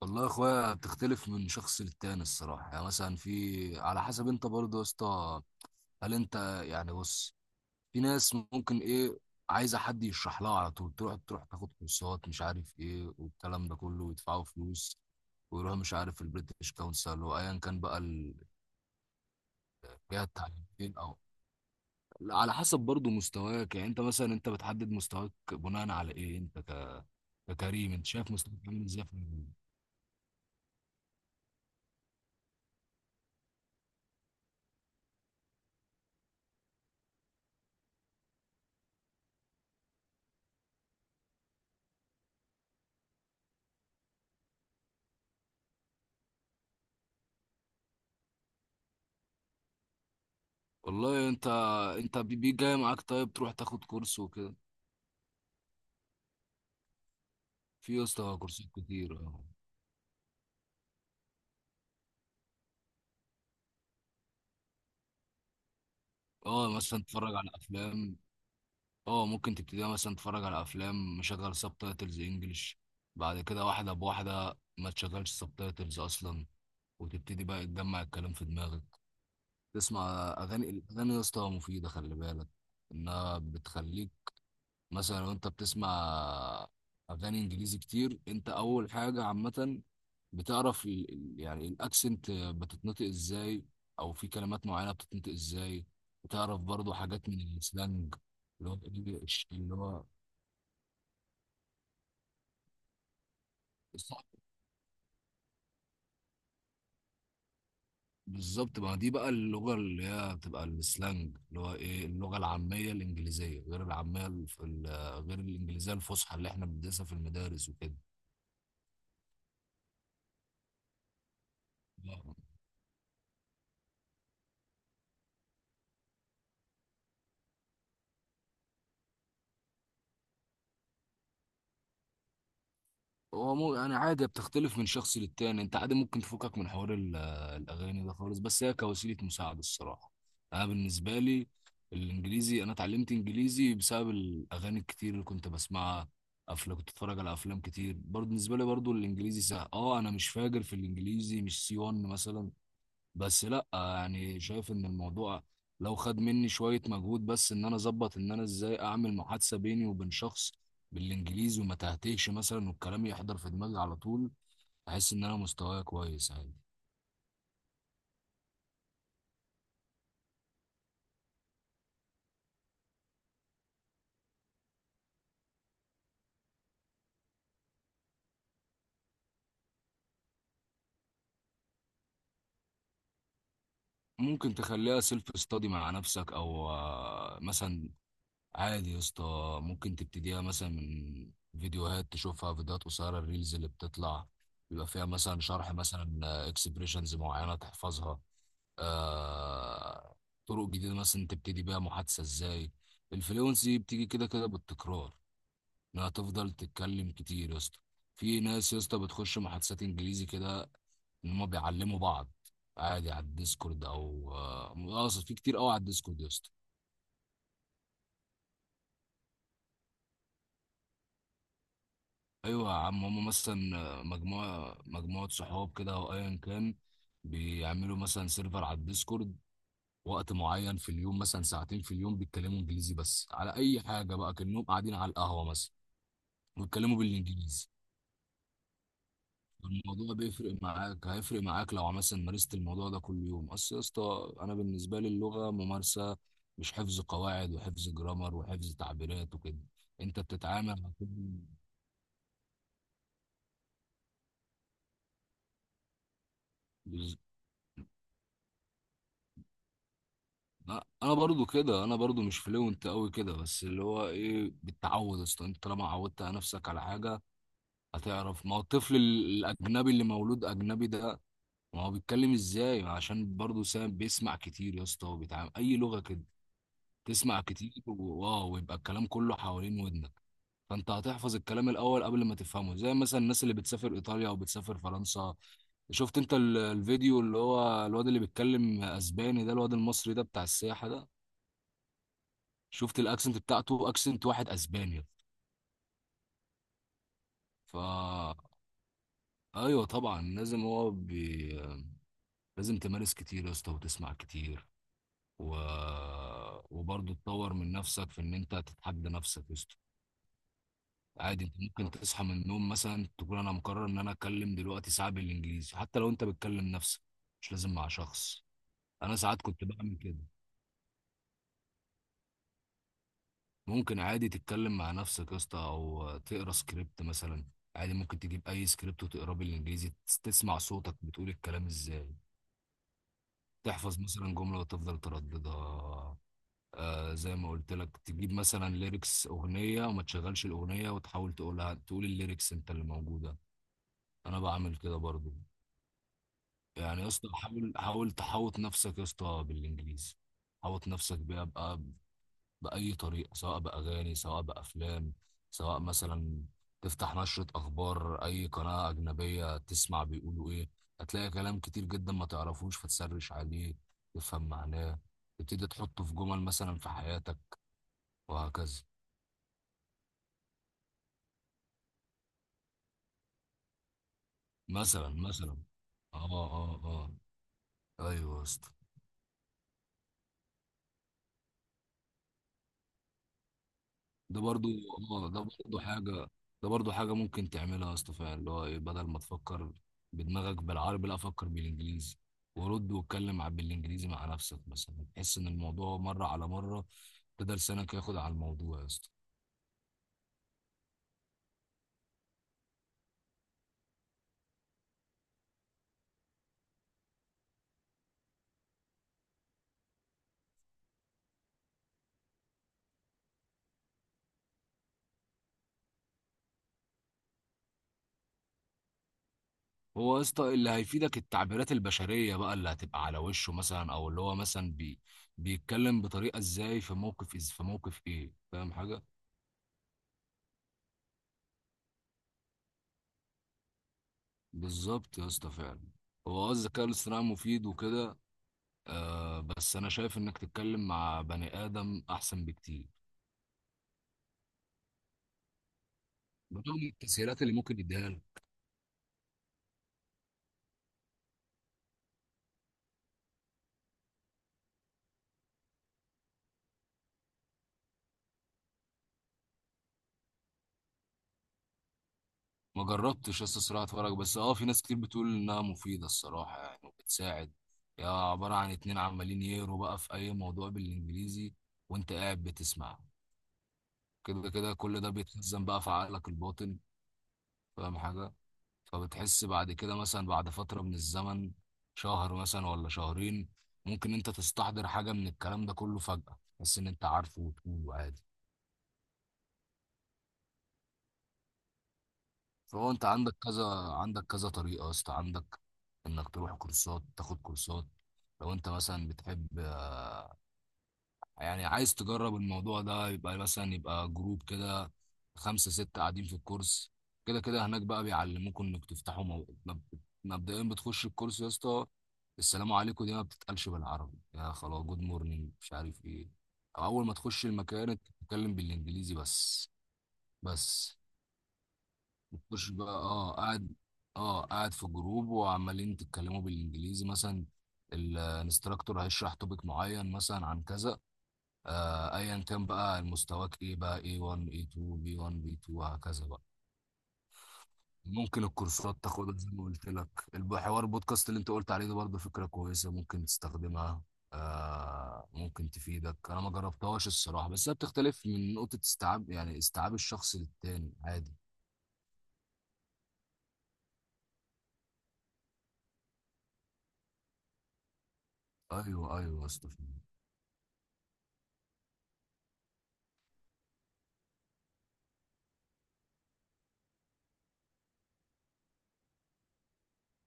والله يا اخويا بتختلف من شخص للتاني الصراحه. يعني مثلا في، على حسب انت برضه يا اسطى، هل انت يعني بص، في ناس ممكن ايه، عايزه حد يشرح لها على طول، تروح تاخد كورسات مش عارف ايه والكلام ده كله، ويدفعوا فلوس ويروحوا مش عارف البريتش كونسل وايا كان بقى الجهه التعليميه. او على حسب برضه مستواك، يعني انت مثلا انت بتحدد مستواك بناء على ايه؟ انت ككريم انت شايف مستواك عامل ازاي في المجال؟ والله انت انت جاي معاك طيب تروح تاخد كورس وكده. في يا اسطى كورسات كتير اه. اه مثلا تتفرج على افلام، اه ممكن تبتدي مثلا تتفرج على افلام مشغل سب تايتلز انجلش، بعد كده واحده بواحده ما تشغلش سب تايتلز اصلا، وتبتدي بقى تجمع الكلام في دماغك، تسمع اغاني. الاغاني يا اسطى مفيده، خلي بالك انها بتخليك، مثلا لو انت بتسمع اغاني انجليزي كتير، انت اول حاجه عامه بتعرف يعني الاكسنت بتتنطق ازاي، او في كلمات معينه بتتنطق ازاي، بتعرف برضو حاجات من السلانج، اللي هو اللي هو الصح. بالظبط، ما دي بقى اللغه اللي هي بتبقى السلانج، اللي هو ايه، اللغه العاميه الانجليزيه، غير العاميه غير الانجليزيه الفصحى اللي احنا بندرسها في المدارس وكده. هو مو يعني عادي، بتختلف من شخص للتاني. انت عادي ممكن تفكك من حوار الاغاني ده خالص، بس هي كوسيله مساعده الصراحه. انا بالنسبه لي الانجليزي، انا اتعلمت انجليزي بسبب الاغاني الكتير اللي كنت بسمعها. افلام كنت اتفرج على افلام كتير برضه. بالنسبه لي برضه الانجليزي سهل، اه انا مش فاجر في الانجليزي، مش سي 1 مثلا، بس لا يعني شايف ان الموضوع لو خد مني شوية مجهود بس، ان انا اظبط ان انا ازاي اعمل محادثة بيني وبين شخص بالانجليزي وما تهتهش مثلا، والكلام يحضر في دماغي على طول، احس ان انا مستواي كويس عادي. ممكن تخليها سيلف ستادي مع نفسك او مثلا عادي يا اسطى، ممكن تبتديها مثلا من فيديوهات تشوفها، فيديوهات قصيرة، الريلز اللي بتطلع بيبقى فيها مثلا شرح مثلا اكسبريشنز معينة تحفظها، آه طرق جديده مثلا تبتدي بيها محادثه ازاي. الفلونسي بتيجي كده كده بالتكرار، انها تفضل تتكلم كتير يا اسطى. في ناس يا اسطى بتخش محادثات انجليزي كده، ان هم بيعلموا بعض عادي على الديسكورد او اقصد في كتير قوي على الديسكورد يا اسطى. ايوه يا عم، هم مثلا مجموعه مجموعه صحاب كده او ايا كان بيعملوا مثلا سيرفر على الديسكورد، وقت معين في اليوم مثلا ساعتين في اليوم بيتكلموا انجليزي بس، على اي حاجه بقى، كانهم قاعدين على القهوه مثلا ويتكلموا بالانجليزي. الموضوع بيفرق معاك، هيفرق معاك لو مثلا مارست الموضوع ده كل يوم. اصل يا اسطى انا بالنسبه لي اللغه ممارسه، مش حفظ قواعد وحفظ جرامر وحفظ تعبيرات وكده. انت بتتعامل مع بز- لا، انا برضو كده، انا برضو مش فلوينت قوي كده، بس اللي هو ايه، بالتعود يا اسطى. انت طالما عودت نفسك على حاجه هتعرف. ما هو الطفل الأجنبي اللي مولود أجنبي ده، ما هو بيتكلم إزاي؟ عشان برضه سام بيسمع كتير يا اسطى، وبيتعامل أي لغة كده، تسمع كتير واو، ويبقى الكلام كله حوالين ودنك. فأنت هتحفظ الكلام الأول قبل ما تفهمه، زي مثلا الناس اللي بتسافر إيطاليا أو بتسافر فرنسا. شفت أنت الفيديو اللي هو الواد اللي بيتكلم أسباني ده، الواد المصري ده بتاع السياحة ده؟ شفت الأكسنت بتاعته؟ أكسنت واحد أسباني. ف ايوه طبعا لازم، لازم تمارس كتير يا اسطى وتسمع كتير و... وبرضه تطور من نفسك في ان انت تتحدى نفسك يا اسطى. عادي انت ممكن تصحى من النوم مثلا تقول انا مقرر ان انا اتكلم دلوقتي ساعه بالانجليزي، حتى لو انت بتكلم نفسك، مش لازم مع شخص. انا ساعات كنت بعمل كده. ممكن عادي تتكلم مع نفسك يا اسطى، او تقرا سكريبت مثلا. عادي ممكن تجيب اي سكريبت وتقراه بالانجليزي، تسمع صوتك بتقول الكلام ازاي. تحفظ مثلا جمله وتفضل ترددها. آه زي ما قلت لك، تجيب مثلا ليركس اغنيه، وما تشغلش الاغنيه وتحاول تقولها، تقول الليركس انت اللي موجوده. انا بعمل كده برضو. يعني يا اسطى، حاول تحوط نفسك يا اسطى بالانجليزي، حوط نفسك بيها بقى باي طريقه، سواء باغاني، سواء بافلام، سواء مثلا تفتح نشره اخبار اي قناه اجنبيه تسمع بيقولوا ايه. هتلاقي كلام كتير جدا ما تعرفوش، فتسرش عليه، تفهم معناه، تبتدي تحطه في جمل مثلا في حياتك، وهكذا. مثلا اه اه ايوه يا اسطى، ده برضو، اه ده برضو حاجه، ده برضو حاجه ممكن تعملها يا اسطى فعلا، اللي هو ايه، بدل ما تفكر بدماغك بالعربي، لا فكر بالانجليزي، ورد واتكلم بالانجليزي مع نفسك مثلا، تحس ان الموضوع مره على مره تقدر لسانك ياخد على الموضوع يا اسطى. هو يا اسطى اللي هيفيدك التعبيرات البشريه بقى، اللي هتبقى على وشه مثلا، او اللي هو مثلا بيتكلم بطريقه ازاي في موقف، في موقف ايه، فاهم حاجه؟ بالظبط يا اسطى فعلا. هو اه الذكاء الاصطناعي مفيد وكده، آه بس انا شايف انك تتكلم مع بني ادم احسن بكتير برغم التسهيلات اللي ممكن يديها لك. ما جربتش يا اسطى صراحه اتفرج، بس اه في ناس كتير بتقول انها مفيده الصراحه يعني، وبتساعد. يا عباره عن اتنين عمالين يقروا بقى في اي موضوع بالانجليزي وانت قاعد بتسمعه، كده كده كل ده بيتخزن بقى في عقلك الباطن، فاهم حاجه؟ فبتحس بعد كده مثلا بعد فترة من الزمن، شهر مثلا ولا شهرين، ممكن انت تستحضر حاجة من الكلام ده كله فجأة، بس ان انت عارفه وتقوله عادي. فهو انت عندك كذا، عندك كذا طريقة يا اسطى. عندك انك تروح كورسات، تاخد كورسات. لو انت مثلا بتحب يعني عايز تجرب الموضوع ده، يبقى مثلا يبقى جروب كده، خمسة ستة قاعدين في الكورس، كده كده هناك بقى بيعلموكم انك تفتحوا مبدئيا بتخش الكورس يا اسطى، السلام عليكم دي ما بتتقالش بالعربي، يا خلاص جود مورنينج مش عارف ايه، او اول ما تخش المكان انت بتتكلم بالانجليزي بس. بس بتخش بقى اه قاعد، اه قاعد في جروب وعمالين تتكلموا بالانجليزي مثلا، الانستراكتور هيشرح توبيك معين مثلا عن كذا، آه، ايا كان بقى مستواك ايه بقى، A1 A2 B1 B2 وهكذا بقى. ممكن الكورسات تاخدها زي ما قلت لك. الحوار البودكاست اللي انت قلت عليه ده برضه فكرة كويسة ممكن تستخدمها، آه ممكن تفيدك، انا ما جربتهاش الصراحة، بس هي بتختلف من نقطة استيعاب، يعني استيعاب الشخص للتاني عادي. ايوه ايوه استفيد.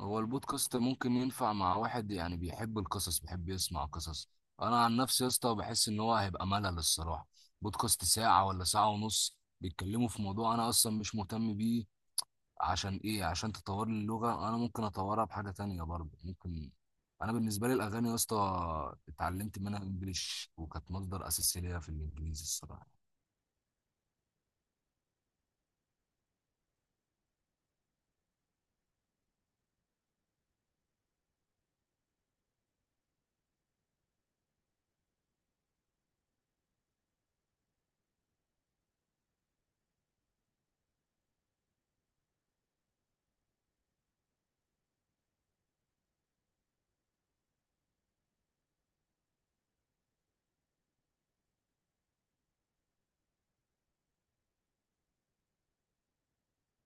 هو البودكاست ممكن ينفع مع واحد يعني بيحب القصص، بيحب يسمع قصص. انا عن نفسي يا اسطى بحس ان هو هيبقى ملل الصراحه، بودكاست ساعه ولا ساعه ونص بيتكلموا في موضوع انا اصلا مش مهتم بيه، عشان ايه؟ عشان تطور لي اللغه، انا ممكن اطورها بحاجه تانية برضه ممكن. انا بالنسبه لي الاغاني يا اسطى اتعلمت منها انجليش، وكانت مصدر اساسي ليا في الانجليزي الصراحه.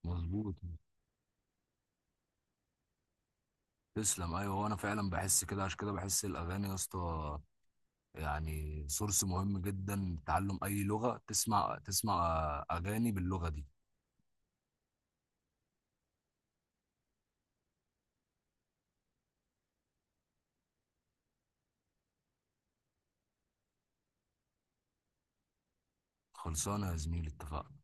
مظبوط. تسلم. ايوه وانا فعلا بحس كده، عشان كده بحس الاغاني يا اسطى يعني سورس مهم جدا، تعلم أي لغة تسمع، تسمع أغاني باللغة دي. خلصانة يا زميلي، اتفقنا.